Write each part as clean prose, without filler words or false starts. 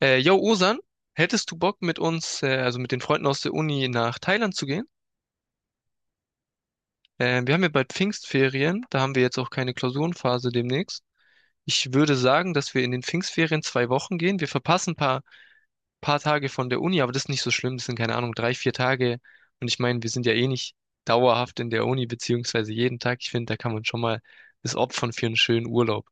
Yo, Osan, hättest du Bock mit uns, also mit den Freunden aus der Uni nach Thailand zu gehen? Wir haben ja bald Pfingstferien, da haben wir jetzt auch keine Klausurenphase demnächst. Ich würde sagen, dass wir in den Pfingstferien 2 Wochen gehen. Wir verpassen ein paar Tage von der Uni, aber das ist nicht so schlimm. Das sind, keine Ahnung, drei, vier Tage. Und ich meine, wir sind ja eh nicht dauerhaft in der Uni, beziehungsweise jeden Tag. Ich finde, da kann man schon mal das opfern für einen schönen Urlaub.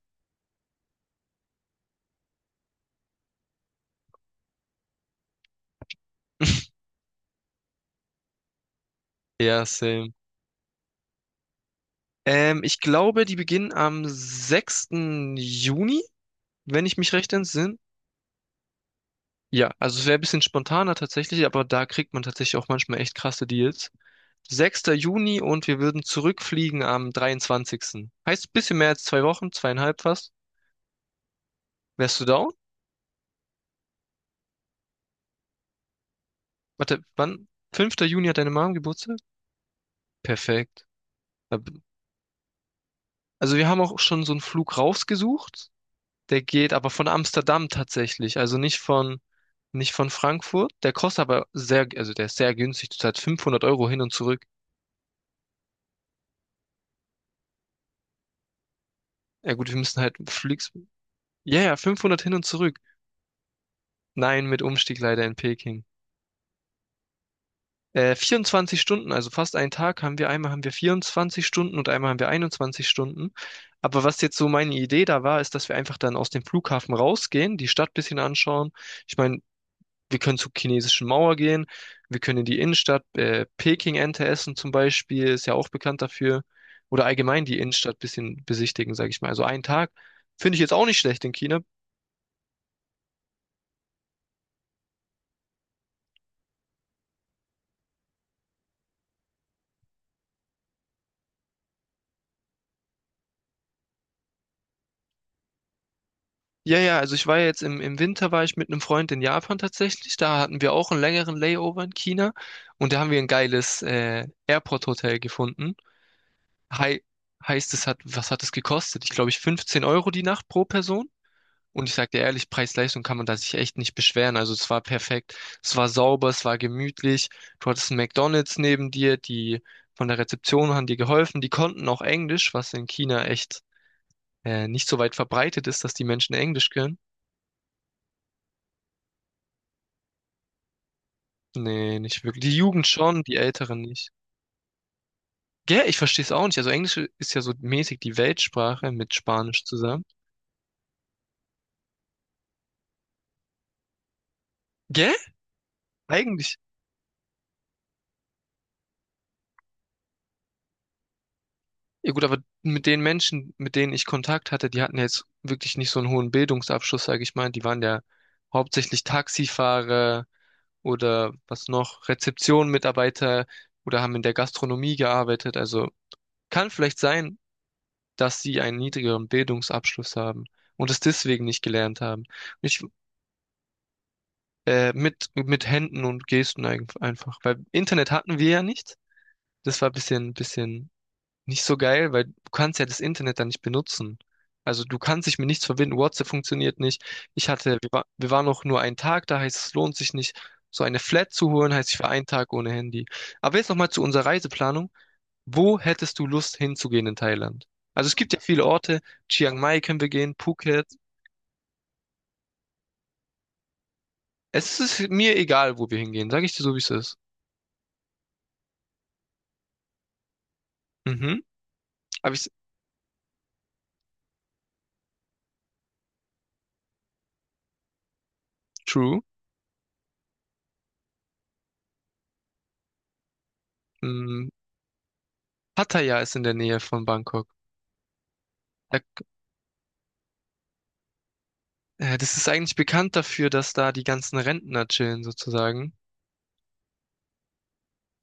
Ja, same. Ich glaube, die beginnen am 6. Juni. Wenn ich mich recht entsinne, ja, also es wäre ein bisschen spontaner tatsächlich, aber da kriegt man tatsächlich auch manchmal echt krasse Deals. 6. Juni und wir würden zurückfliegen am 23. Heißt ein bisschen mehr als 2 Wochen, zweieinhalb fast. Wärst du down? Warte, wann? 5. Juni hat deine Mom Geburtstag? Perfekt. Ab- Also wir haben auch schon so einen Flug rausgesucht. Der geht aber von Amsterdam tatsächlich, also nicht von Frankfurt. Der kostet aber sehr, also der ist sehr günstig. Du zahlst 500 € hin und zurück. Ja gut, wir müssen halt fliegen. Ja, ja, 500 hin und zurück. Nein, mit Umstieg leider in Peking. 24 Stunden, also fast einen Tag haben wir, einmal haben wir 24 Stunden und einmal haben wir 21 Stunden. Aber was jetzt so meine Idee da war, ist, dass wir einfach dann aus dem Flughafen rausgehen, die Stadt ein bisschen anschauen. Ich meine, wir können zur chinesischen Mauer gehen, wir können in die Innenstadt, Peking Ente essen zum Beispiel, ist ja auch bekannt dafür. Oder allgemein die Innenstadt ein bisschen besichtigen, sage ich mal. Also einen Tag finde ich jetzt auch nicht schlecht in China. Ja, ja, also ich war ja jetzt im Winter, war ich mit einem Freund in Japan tatsächlich. Da hatten wir auch einen längeren Layover in China und da haben wir ein geiles Airport-Hotel gefunden. Hei heißt, was hat es gekostet? Ich glaube, ich 15 € die Nacht pro Person. Und ich sag dir ehrlich, Preis-Leistung kann man da sich echt nicht beschweren. Also es war perfekt, es war sauber, es war gemütlich. Du hattest einen McDonald's neben dir, die von der Rezeption haben dir geholfen. Die konnten auch Englisch, was in China echt nicht so weit verbreitet ist, dass die Menschen Englisch können. Nee, nicht wirklich. Die Jugend schon, die Älteren nicht. Gell, ich verstehe es auch nicht. Also Englisch ist ja so mäßig die Weltsprache mit Spanisch zusammen. Gell? Eigentlich. Ja gut, aber mit den Menschen, mit denen ich Kontakt hatte, die hatten ja jetzt wirklich nicht so einen hohen Bildungsabschluss, sage ich mal. Die waren ja hauptsächlich Taxifahrer oder was noch, Rezeption-Mitarbeiter oder haben in der Gastronomie gearbeitet. Also kann vielleicht sein, dass sie einen niedrigeren Bildungsabschluss haben und es deswegen nicht gelernt haben. Ich mit Händen und Gesten einfach. Weil Internet hatten wir ja nicht. Das war ein bisschen nicht so geil, weil du kannst ja das Internet dann nicht benutzen. Also du kannst dich mit nichts verbinden, WhatsApp funktioniert nicht. Ich hatte, wir, war, wir waren noch nur einen Tag da, heißt es lohnt sich nicht, so eine Flat zu holen, heißt ich war einen Tag ohne Handy. Aber jetzt nochmal zu unserer Reiseplanung. Wo hättest du Lust hinzugehen in Thailand? Also es gibt ja viele Orte, Chiang Mai können wir gehen, Phuket. Es ist mir egal, wo wir hingehen, sage ich dir so, wie es ist. Mhm. Aber ich, True. Mm, Pattaya ist in der Nähe von Bangkok. Da, das ist eigentlich bekannt dafür, dass da die ganzen Rentner chillen, sozusagen.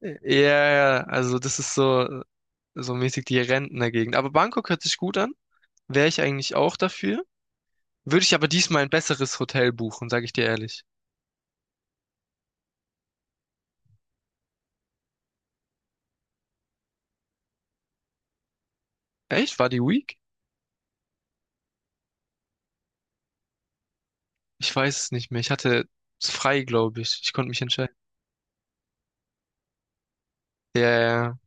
Ja, ja, also das ist so mäßig die Rentnergegend. Aber Bangkok hört sich gut an. Wäre ich eigentlich auch dafür. Würde ich aber diesmal ein besseres Hotel buchen, sage ich dir ehrlich. Echt? War die Week? Ich weiß es nicht mehr. Ich hatte es frei, glaube ich. Ich konnte mich entscheiden. Ja, ja.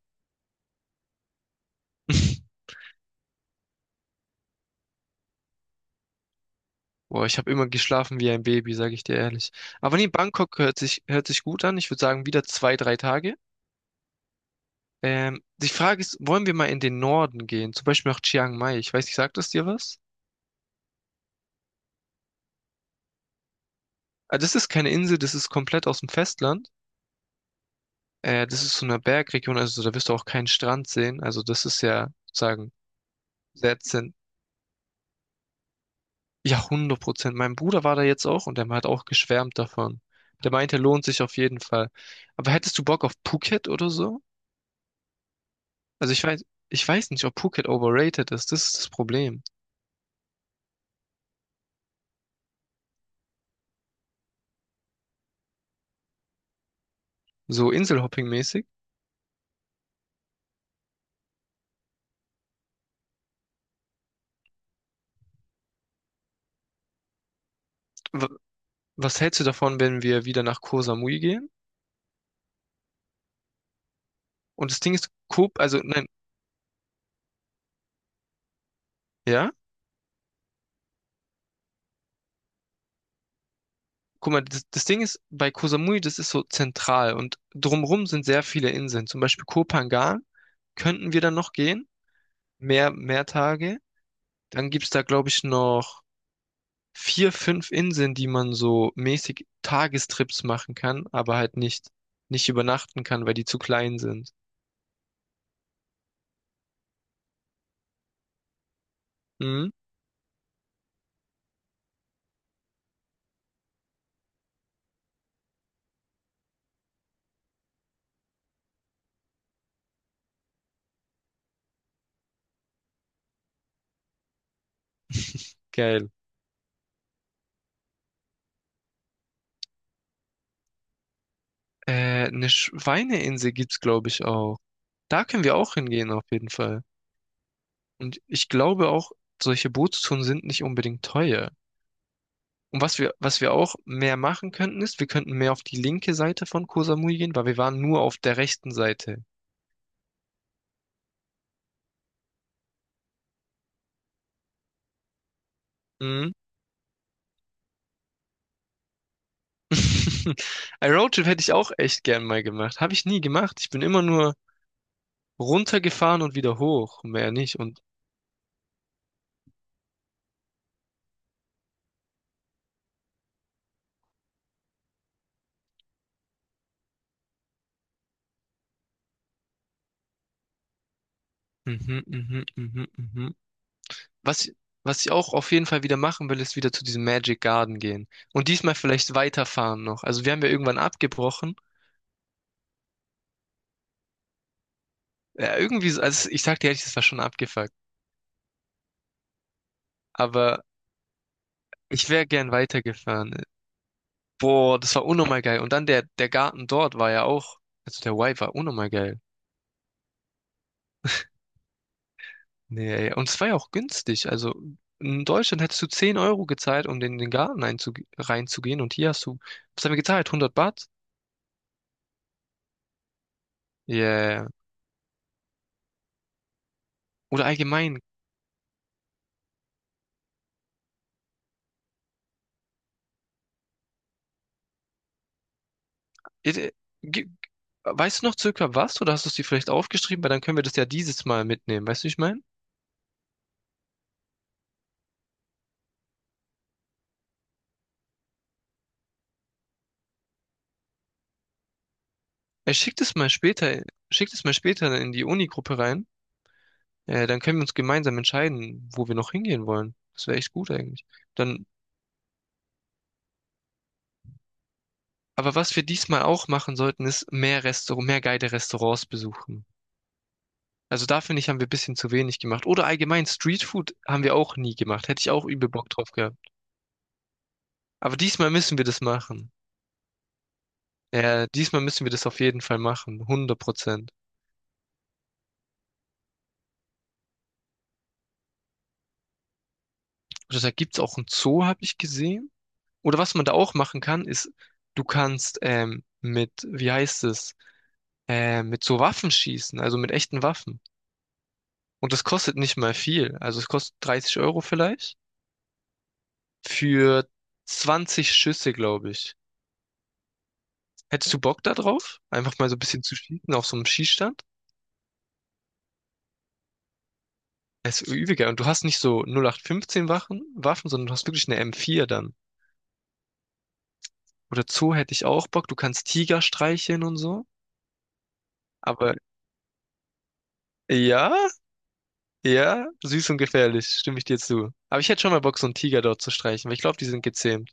Boah, ich habe immer geschlafen wie ein Baby, sage ich dir ehrlich. Aber nee, Bangkok hört sich gut an. Ich würde sagen, wieder 2, 3 Tage. Die Frage ist, wollen wir mal in den Norden gehen? Zum Beispiel nach Chiang Mai. Ich weiß nicht, sagt das dir was? Ah, das ist keine Insel, das ist komplett aus dem Festland. Das ist so eine Bergregion, also da wirst du auch keinen Strand sehen. Also das ist ja, sagen, sehr zent ja, 100%. Mein Bruder war da jetzt auch und der hat auch geschwärmt davon. Der meinte, lohnt sich auf jeden Fall. Aber hättest du Bock auf Phuket oder so? Also ich weiß nicht, ob Phuket overrated ist. Das ist das Problem. So Inselhopping-mäßig. Wa- Was hältst du davon, wenn wir wieder nach Koh Samui gehen? Und das Ding ist, Koh, also nein, ja, guck mal, das Ding ist, bei Koh Samui, das ist so zentral und drumrum sind sehr viele Inseln. Zum Beispiel Koh Phangan könnten wir dann noch gehen, mehr Tage. Dann gibt's da, glaube ich, noch vier, fünf Inseln, die man so mäßig Tagestrips machen kann, aber halt nicht übernachten kann, weil die zu klein sind. Mhm, geil. Eine Schweineinsel gibt's, glaube ich, auch. Da können wir auch hingehen, auf jeden Fall. Und ich glaube auch, solche Bootstouren sind nicht unbedingt teuer. Und was wir auch mehr machen könnten, ist, wir könnten mehr auf die linke Seite von Koh Samui gehen, weil wir waren nur auf der rechten Seite. Mhm. Ein Roadtrip hätte ich auch echt gern mal gemacht. Habe ich nie gemacht. Ich bin immer nur runtergefahren und wieder hoch. Mehr nicht. Und mhm, mhm, mhm, mhm. Was, was ich auch auf jeden Fall wieder machen will, ist wieder zu diesem Magic Garden gehen. Und diesmal vielleicht weiterfahren noch. Also wir haben ja irgendwann abgebrochen. Ja, irgendwie so, also ich sag dir ehrlich, das war schon abgefuckt. Aber ich wäre gern weitergefahren. Boah, das war unnormal geil. Und dann der Garten dort war ja auch, also der Y war unnormal geil. Nee, ey, und es war ja auch günstig. Also in Deutschland hättest du 10 € gezahlt, um in den Garten einzu reinzugehen. Und hier hast du, was haben wir gezahlt? 100 Baht? Yeah. Oder allgemein. Äh, ge- Weißt du noch circa was? Oder hast du es dir vielleicht aufgeschrieben? Weil dann können wir das ja dieses Mal mitnehmen. Weißt du, wie ich meine? Er schickt es mal später in die Uni-Gruppe rein. Dann können wir uns gemeinsam entscheiden, wo wir noch hingehen wollen. Das wäre echt gut eigentlich. Dann, aber was wir diesmal auch machen sollten, ist mehr Restaurant, mehr geile Restaurants besuchen. Also da finde ich, haben wir ein bisschen zu wenig gemacht. Oder allgemein Streetfood haben wir auch nie gemacht. Hätte ich auch übel Bock drauf gehabt. Aber diesmal müssen wir das machen. Ja, diesmal müssen wir das auf jeden Fall machen. Hundert Prozent. Und da gibt's auch einen Zoo, habe ich gesehen. Oder was man da auch machen kann, ist, du kannst mit, wie heißt es, mit so Waffen schießen, also mit echten Waffen. Und das kostet nicht mal viel. Also es kostet 30 € vielleicht für 20 Schüsse, glaube ich. Hättest du Bock da drauf? Einfach mal so ein bisschen zu schießen auf so einem Schießstand? Es ist übiger. Und du hast nicht so 0815 Waffen, sondern du hast wirklich eine M4 dann. Oder Zoo hätte ich auch Bock. Du kannst Tiger streicheln und so. Aber ja, ja, süß und gefährlich, stimme ich dir zu. Aber ich hätte schon mal Bock, so einen Tiger dort zu streichen, weil ich glaube, die sind gezähmt.